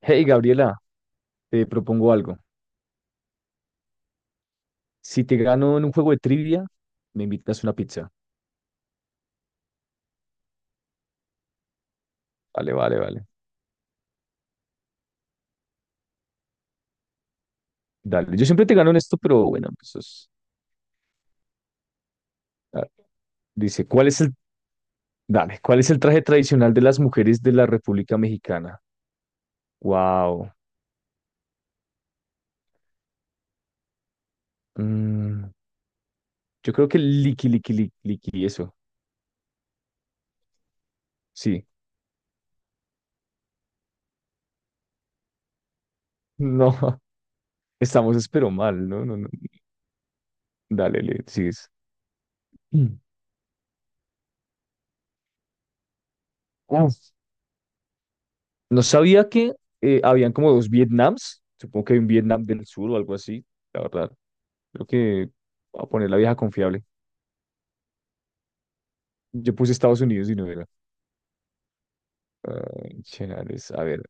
Hey Gabriela, te propongo algo. Si te gano en un juego de trivia, me invitas una pizza. Vale, vale, vale. Dale. Yo siempre te gano en esto, pero bueno, pues eso. Ah, dice, ¿cuál es el, dale, ¿cuál es el traje tradicional de las mujeres de la República Mexicana? Wow. Mm, yo creo que liqui, liqui, liqui, liqui, eso. Sí. No, estamos espero mal, ¿no? No, no. Dale, le sigues. Mm. Uf. No sabía que habían como dos Vietnams. Supongo que hay un Vietnam del Sur o algo así. La verdad. Creo que voy a poner la vieja confiable. Yo puse Estados Unidos y no era. Ay, chenales. A ver.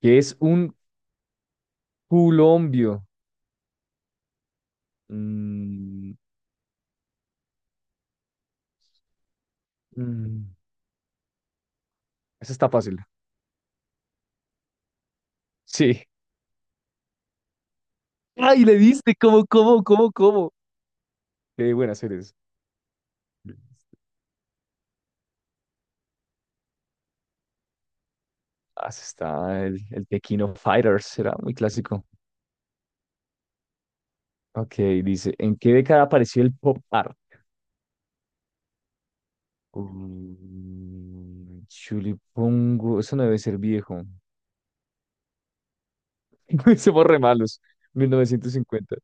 ¿Qué es un culombio? Mm, mm, Esa está fácil. Sí. ¡Ay, le diste! ¿Cómo, cómo, cómo, cómo? Qué buenas eres. Ah, ese está el Tequino Fighters. Era muy clásico. Ok, dice. ¿En qué década apareció el pop art? Chulipungo. Eso no debe ser viejo. Somos re malos. 1950.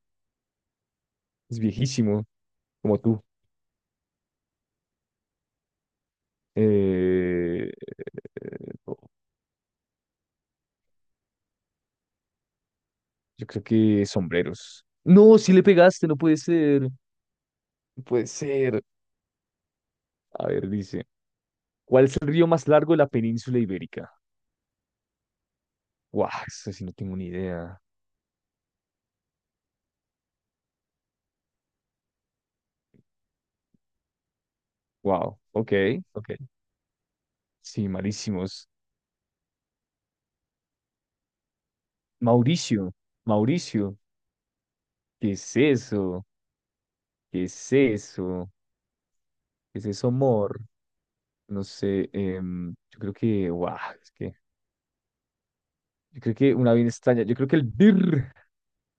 Es viejísimo, como tú. Eh, no, yo creo que sombreros. No, si le pegaste, no puede ser. No puede ser. A ver, dice, ¿cuál es el río más largo de la península ibérica? Guau, eso sí no tengo ni idea. Wow, ok, ok. Sí, malísimos. Mauricio, Mauricio, ¿qué es eso? ¿Qué es eso? ¿Qué es eso, amor? No sé, yo creo que, guau, es que, yo creo que una bien extraña, yo creo que el BIR.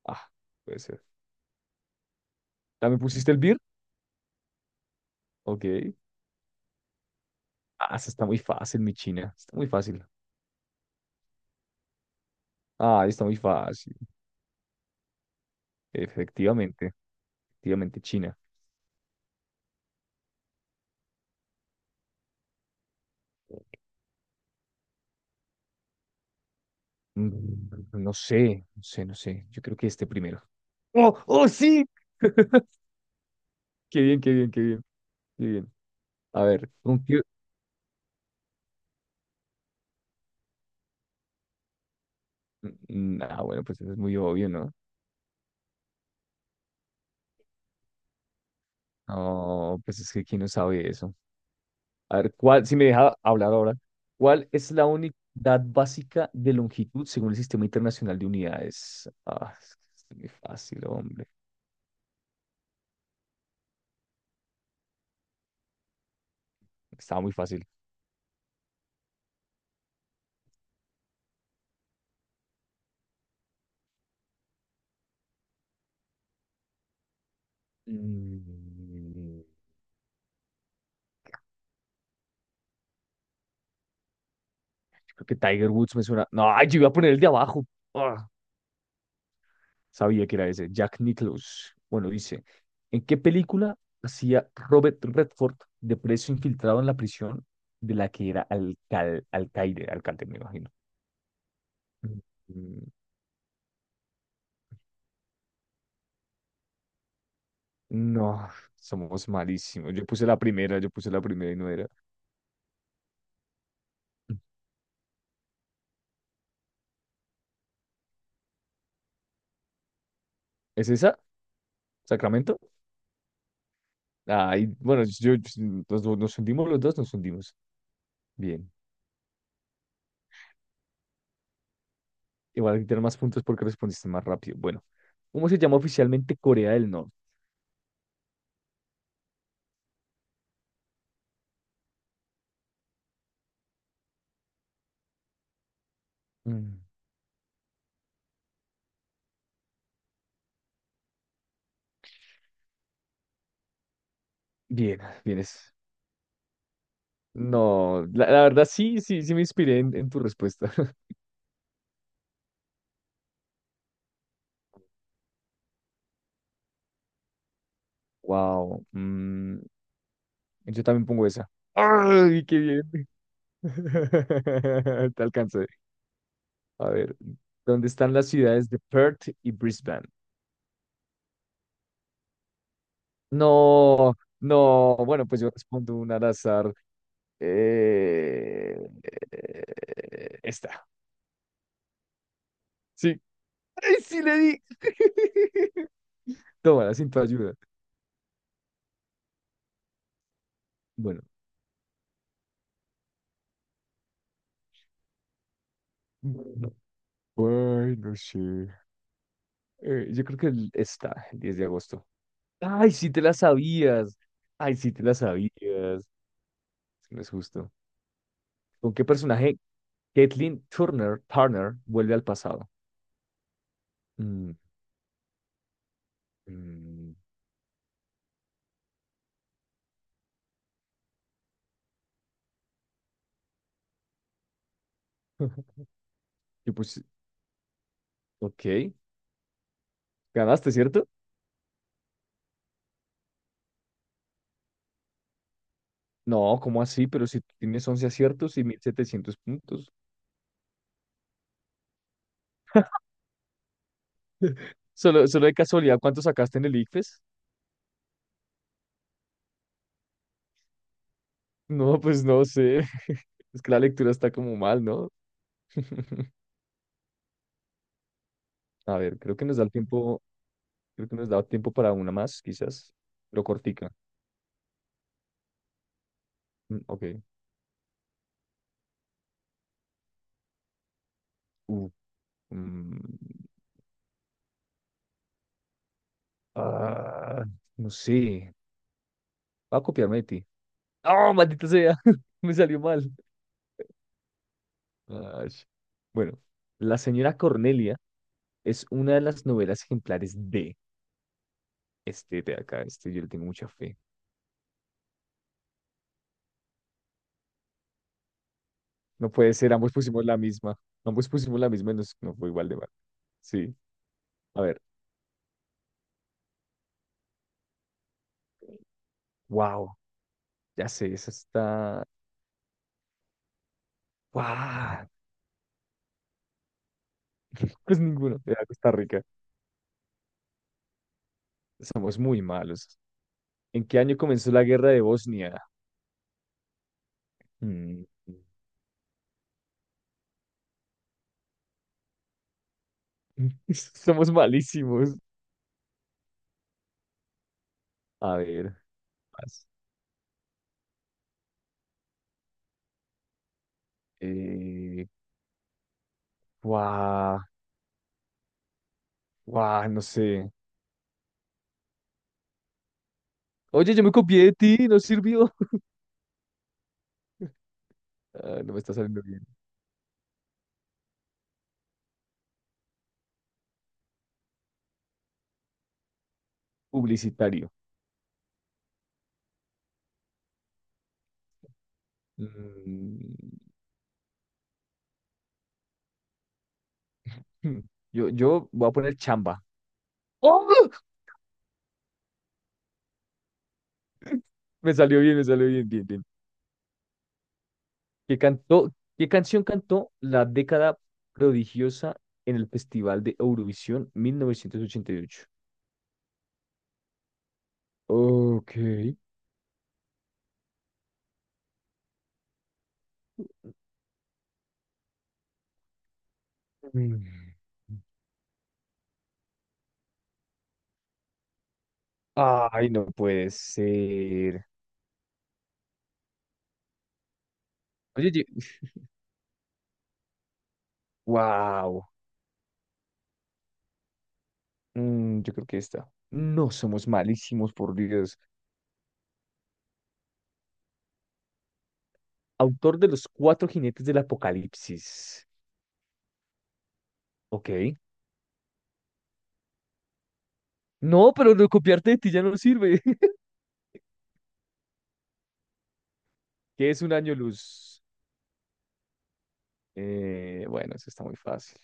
Ah, puede ser. ¿También pusiste el beer? Ok. Ah, esa está muy fácil, mi China. Está muy fácil. Ah, está muy fácil. Efectivamente, efectivamente, China. Mm, No sé, no sé, no sé. Yo creo que este primero. ¡Oh, oh, sí! Qué bien, qué bien, qué bien, qué bien. A ver. Ah, bueno, pues eso es muy obvio, ¿no? No, pues es que quién no sabe eso. A ver, ¿cuál, si me deja hablar ahora, ¿cuál es la unidad básica de longitud según el Sistema Internacional de Unidades? Ah, es que es muy fácil, hombre. Estaba muy fácil. Mm, Creo que Tiger Woods me suena. No, ay, yo iba a poner el de abajo. Ah, sabía que era ese. Jack Nicklaus. Bueno, dice, ¿en qué película hacía Robert Redford de preso infiltrado en la prisión de la que era alcal alcaide, alcalde, me imagino? Mm, No, somos malísimos. Yo puse la primera, yo puse la primera y no era. ¿Es esa? ¿Sacramento? Ay, bueno, nos hundimos los dos, nos hundimos. Bien. Igual tener más puntos porque respondiste más rápido. Bueno, ¿cómo se llama oficialmente Corea del Norte? Mm, Bien, vienes. No, la verdad sí, sí, sí me inspiré en tu respuesta. Wow. Yo también pongo esa. ¡Ay, qué bien! Te alcancé. A ver, ¿dónde están las ciudades de Perth y Brisbane? No, no, bueno, pues yo respondo un al azar. Eh, esta. Sí, ¡ay, sí le di! Toma, sin tu ayuda. Bueno. Ay, no sé. Yo creo que está el 10 de agosto. ¡Ay, sí te la sabías! ¡Ay, sí te la sabías! No es justo. ¿Con qué personaje Caitlyn Turner, Turner vuelve al pasado? Mm, mm, yo pues, ok. ¿Ganaste, cierto? No, ¿cómo así? Pero si tienes 11 aciertos y 1700 puntos. Solo, solo de casualidad, ¿cuánto sacaste en el ICFES? No, pues no sé. Es que la lectura está como mal, ¿no? A ver, creo que nos da el tiempo, creo que nos da tiempo para una más, quizás, pero cortica. Ok. Uh, mm, ah, no sé. Va a copiarme de ti. ¡Oh, maldita sea! Me salió mal. Ay. Bueno, la señora Cornelia es una de las novelas ejemplares de este de acá. Este yo le tengo mucha fe. No puede ser, ambos pusimos la misma. Ambos pusimos la misma y nos, no fue igual de mal. Sí. A ver. Wow. Ya sé, esa está. ¡Guau! Pues ninguno. Era Costa Rica. Somos muy malos. ¿En qué año comenzó la guerra de Bosnia? Mm. Somos malísimos. A ver. Más. Eh, Guau, guau, no sé. Oye, yo me copié de ti, no sirvió. Ah, no me está saliendo bien. Publicitario. Mm. Hmm. Yo voy a poner chamba. ¡Oh! Me salió bien, bien, bien. que cantó, ¿Qué canción cantó la década prodigiosa en el Festival de Eurovisión 1988? Ok. Mm. Ay, no puede ser. Oye, wow. Yo creo que esta. No somos malísimos, por Dios. Autor de Los Cuatro Jinetes del Apocalipsis. Ok. No, pero lo copiarte de ti ya no sirve. ¿Qué es un año luz? Bueno, eso está muy fácil.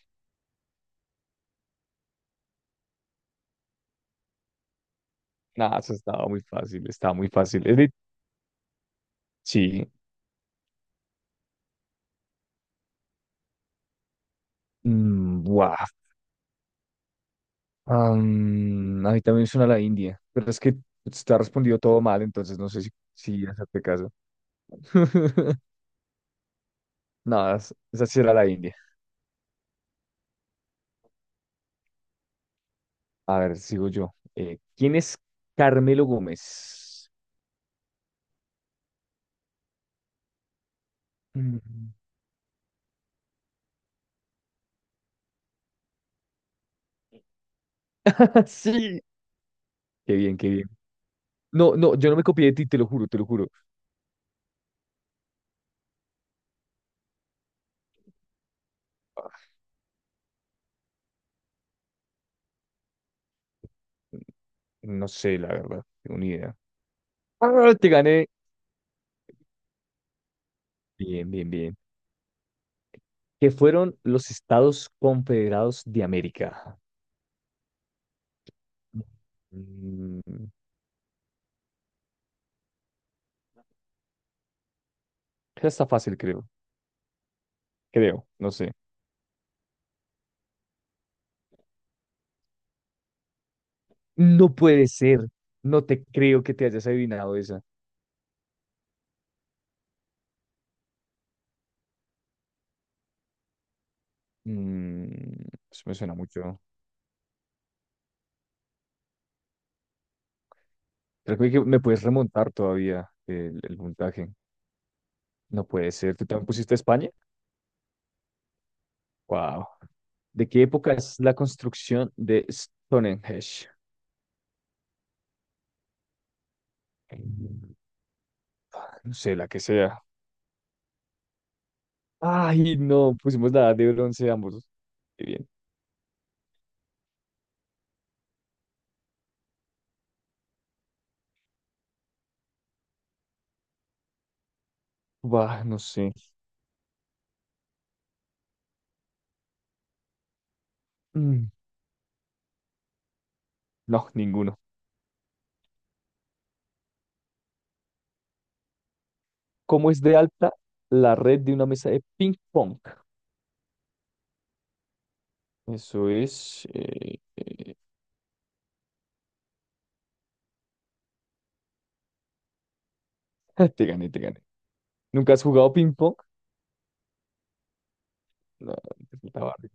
Nada, eso estaba muy fácil, estaba muy fácil. Es Sí. Guau. A mí también suena la India, pero es que está respondido todo mal, entonces no sé si hacerte caso. Nada, esa sí era la India. A ver, sigo yo. ¿Quién es Carmelo Gómez? Mm. Sí. Qué bien, qué bien. No, no, yo no me copié de ti, te lo juro, te lo juro. No sé, la verdad, tengo ni idea. Ah, te gané. Bien, bien, bien. ¿Qué fueron los Estados Confederados de América? Mm, Esa está fácil, creo. Creo, no sé. No puede ser. No te creo que te hayas adivinado esa. Mm, Eso me suena mucho. Creo que me puedes remontar todavía el puntaje. No puede ser. ¿Tú también pusiste España? Wow. ¿De qué época es la construcción de Stonehenge? No sé, la que sea. Ay, no, pusimos la edad de bronce ambos. Qué bien. Bah, no sé. Mm, no, ninguno. ¿Cómo es de alta la red de una mesa de ping pong? Eso es. Te gané, te gané. ¿Nunca has jugado ping-pong? No, te faltaba algo.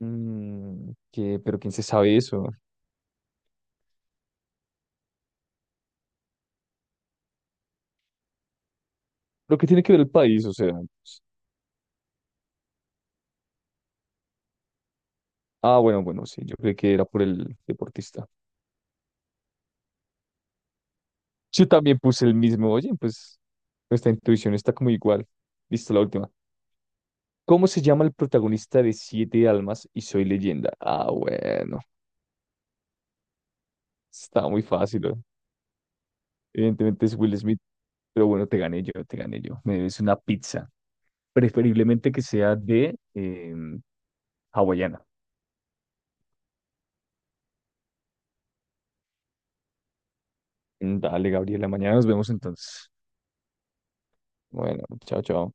¿Qué? ¿Pero quién se sabe eso? ¿Pero qué tiene que ver el país? O sea. Ah, bueno, bueno, sí, yo creí que era por el deportista. Yo también puse el mismo. Oye, pues nuestra intuición está como igual. Listo, la última. ¿Cómo se llama el protagonista de Siete Almas y Soy Leyenda? Ah, bueno. Está muy fácil, ¿eh? Evidentemente es Will Smith. Pero bueno, te gané yo, te gané yo. Me debes una pizza. Preferiblemente que sea de hawaiana. Dale, Gabriela, mañana nos vemos entonces. Bueno, chao, chao.